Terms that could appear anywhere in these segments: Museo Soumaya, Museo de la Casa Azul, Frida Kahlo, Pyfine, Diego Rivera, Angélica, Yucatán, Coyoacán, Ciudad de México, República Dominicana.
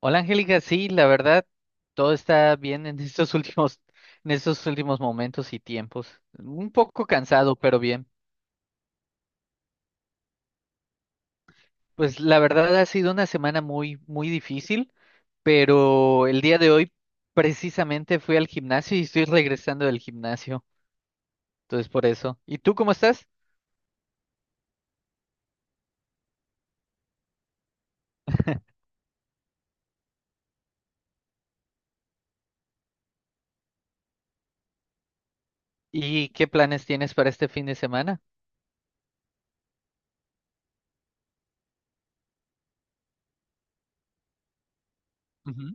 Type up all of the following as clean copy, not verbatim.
Hola Angélica, sí, la verdad, todo está bien en estos últimos, en estos últimos momentos y tiempos. Un poco cansado, pero bien. Pues la verdad ha sido una semana muy, muy difícil, pero el día de hoy precisamente fui al gimnasio y estoy regresando del gimnasio. Entonces por eso. ¿Y tú cómo estás? ¿Y qué planes tienes para este fin de semana? Ujú.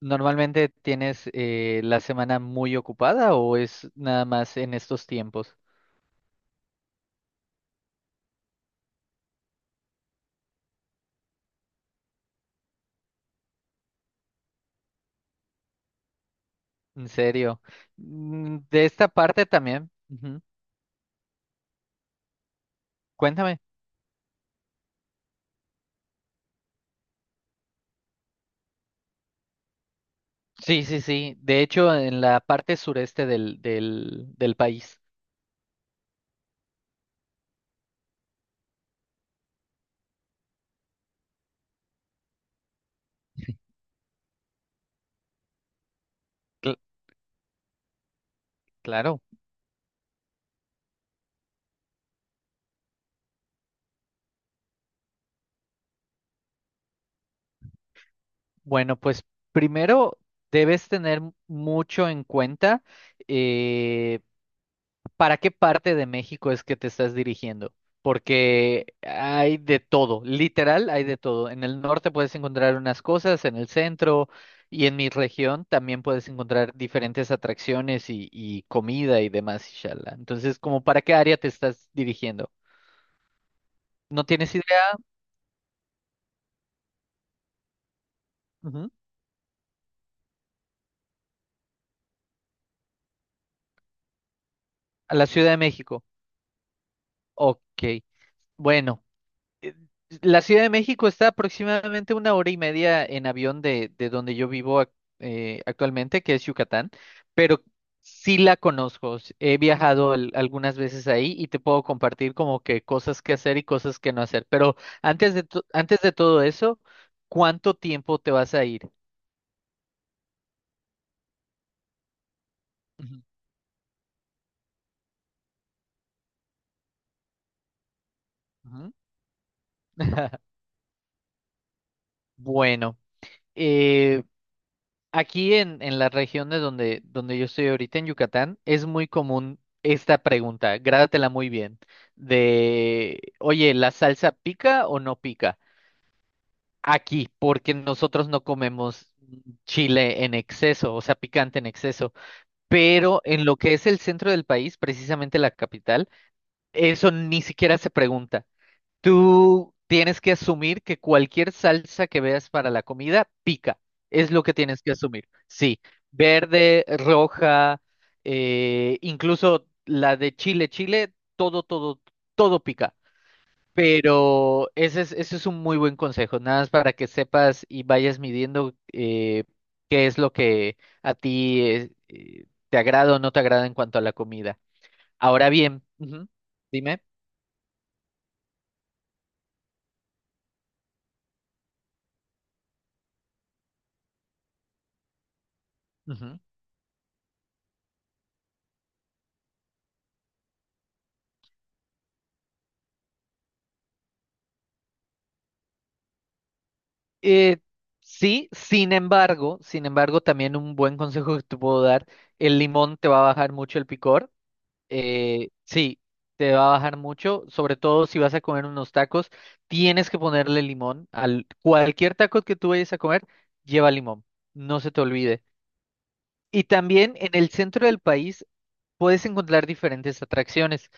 ¿Normalmente tienes la semana muy ocupada o es nada más en estos tiempos? En serio. Mm. De esta parte también. Ujú. Cuéntame. Sí, sí, sí. De hecho, en la parte sureste del país. Cl- claro. Bueno, pues primero debes tener mucho en cuenta. eh, ¿Para qué parte de México es que te estás dirigiendo? Porque hay de todo, literal hay de todo. En el norte puedes encontrar unas cosas, en el centro y en mi región también puedes encontrar diferentes atracciones y comida y demás, inshallah. Entonces, ¿como para qué área te estás dirigiendo? ¿No tienes idea? Ujú. A la Ciudad de México. Ok. Bueno. eh, La Ciudad de México está aproximadamente una hora y media en avión de donde yo vivo actualmente, que es Yucatán, pero sí la conozco. He viajado algunas veces ahí y te puedo compartir como que cosas que hacer y cosas que no hacer. Pero antes de todo eso, ¿cuánto tiempo te vas a ir? Ujú, ujú. Bueno, eh, aquí en las regiones donde, donde yo estoy ahorita, en Yucatán, es muy común esta pregunta, grádatela muy bien, de, oye, ¿la salsa pica o no pica? Aquí, porque nosotros no comemos chile en exceso, o sea, picante en exceso, pero en lo que es el centro del país, precisamente la capital, eso ni siquiera se pregunta. Tú tienes que asumir que cualquier salsa que veas para la comida pica. Es lo que tienes que asumir. Sí, verde, roja, incluso la de Chile, Chile, todo, todo, todo pica. Pero ese es un muy buen consejo, nada más para que sepas y vayas midiendo, qué es lo que a ti te agrada o no te agrada en cuanto a la comida. Ahora bien, ujú, dime. Eh, sí, sin embargo, sin embargo, también un buen consejo que te puedo dar, el limón te va a bajar mucho el picor. Sí, te va a bajar mucho, sobre todo si vas a comer unos tacos, tienes que ponerle limón. Al cualquier taco que tú vayas a comer, lleva limón, no se te olvide. Y también en el centro del país puedes encontrar diferentes atracciones.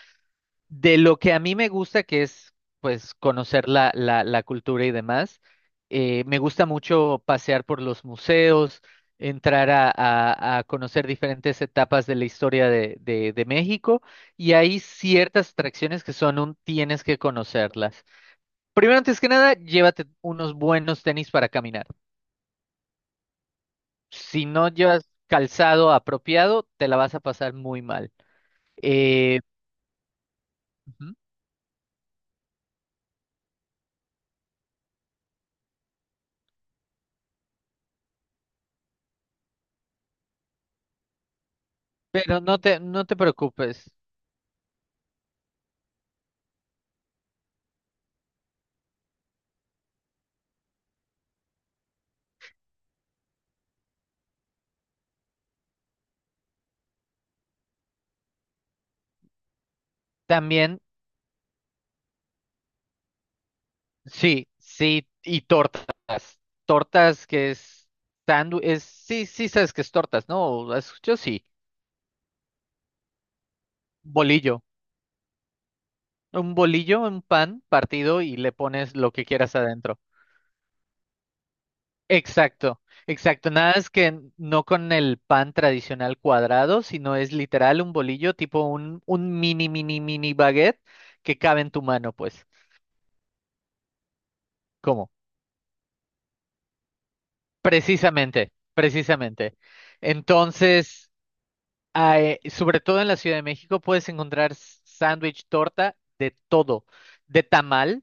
De lo que a mí me gusta, que es pues conocer la cultura y demás, me gusta mucho pasear por los museos, entrar a conocer diferentes etapas de la historia de México y hay ciertas atracciones que son un tienes que conocerlas. Primero, antes que nada, llévate unos buenos tenis para caminar. Si no llevas calzado apropiado, te la vas a pasar muy mal. Eh, Ujú, pero no te preocupes. También sí, sí, y tortas. Tortas que es sándwich, es, sí, sí sabes que es tortas, ¿no? Has escuchado sí. Bolillo. Un bolillo, un pan partido y le pones lo que quieras adentro. Exacto, exacto. Nada es que no con el pan tradicional cuadrado, sino es literal un bolillo, tipo un mini baguette que cabe en tu mano, pues. ¿Cómo? Precisamente, precisamente. Entonces. Ah, sobre todo en la Ciudad de México puedes encontrar sándwich, torta, de todo. De tamal,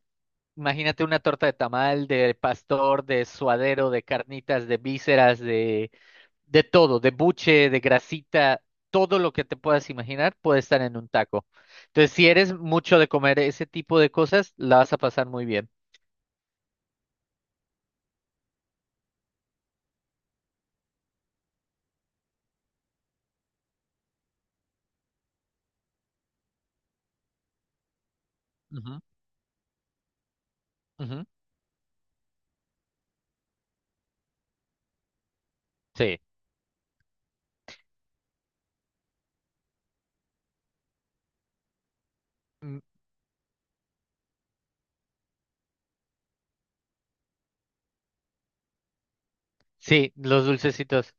imagínate una torta de tamal, de pastor, de suadero, de carnitas, de vísceras, de todo, de buche, de grasita, todo lo que te puedas imaginar puede estar en un taco. Entonces, si eres mucho de comer ese tipo de cosas, la vas a pasar muy bien. Ujú, ujú, sí. Mm, sí, los dulcecitos.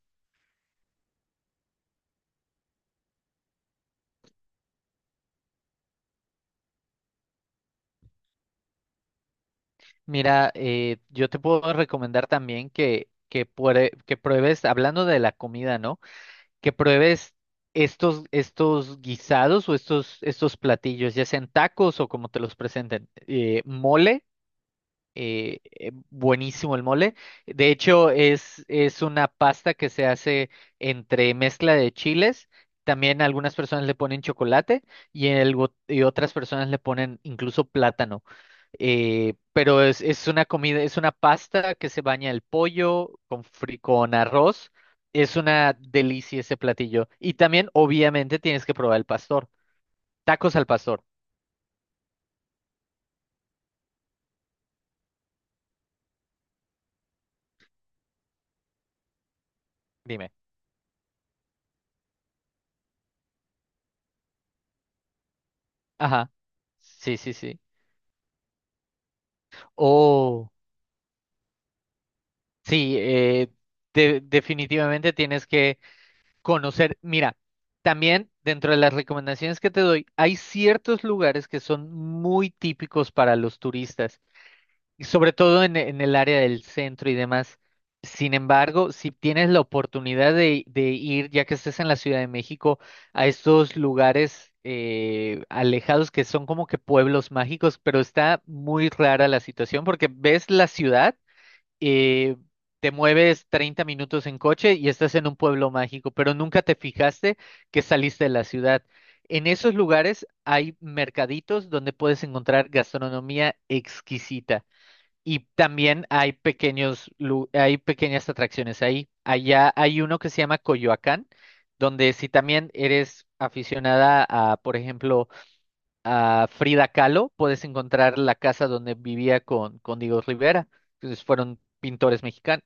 Mira, yo te puedo recomendar también que pruebes, hablando de la comida, ¿no? Que pruebes estos, estos guisados o estos, estos platillos, ya sean tacos o como te los presenten. Mole, buenísimo el mole. De hecho, es una pasta que se hace entre mezcla de chiles. También algunas personas le ponen chocolate y, y otras personas le ponen incluso plátano. Pero es una comida, es una pasta que se baña el pollo con, con arroz. Es una delicia ese platillo. Y también, obviamente, tienes que probar el pastor. Tacos al pastor, dime. Ajá. Sí, sí, sí. Oh, sí, definitivamente tienes que conocer. Mira, también dentro de las recomendaciones que te doy, hay ciertos lugares que son muy típicos para los turistas, y sobre todo en el área del centro y demás. Sin embargo, si tienes la oportunidad de ir, ya que estés en la Ciudad de México, a estos lugares alejados que son como que pueblos mágicos, pero está muy rara la situación porque ves la ciudad, eh, te mueves 30 minutos en coche y estás en un pueblo mágico, pero nunca te fijaste que saliste de la ciudad. En esos lugares hay mercaditos donde puedes encontrar gastronomía exquisita y también hay hay pequeñas atracciones ahí. Allá hay uno que se llama Coyoacán, donde si también eres aficionada a, por ejemplo, a Frida Kahlo, puedes encontrar la casa donde vivía con Diego Rivera, que fueron pintores mexicanos.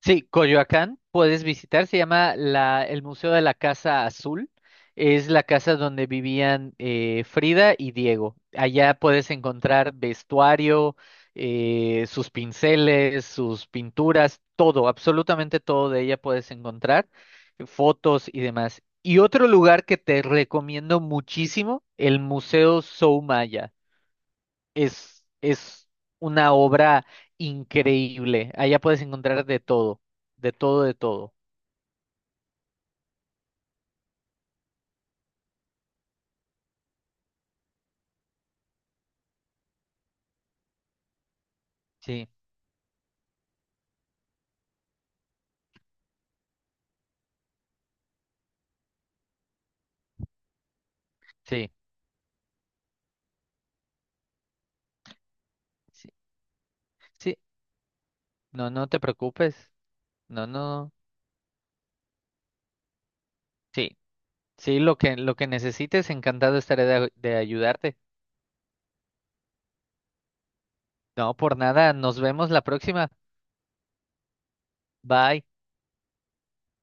Sí, Coyoacán puedes visitar, se llama el Museo de la Casa Azul. Es la casa donde vivían, Frida y Diego. Allá puedes encontrar vestuario, sus pinceles, sus pinturas, todo, absolutamente todo de ella puedes encontrar, fotos y demás. Y otro lugar que te recomiendo muchísimo, el Museo Soumaya es una obra increíble. Allá puedes encontrar de todo, de todo, de todo. Sí, sí, sí, sí. No, no te preocupes. No, no. Sí, sí, lo que necesites, encantado estaré de ayudarte. No, por nada, nos vemos la próxima. Bye.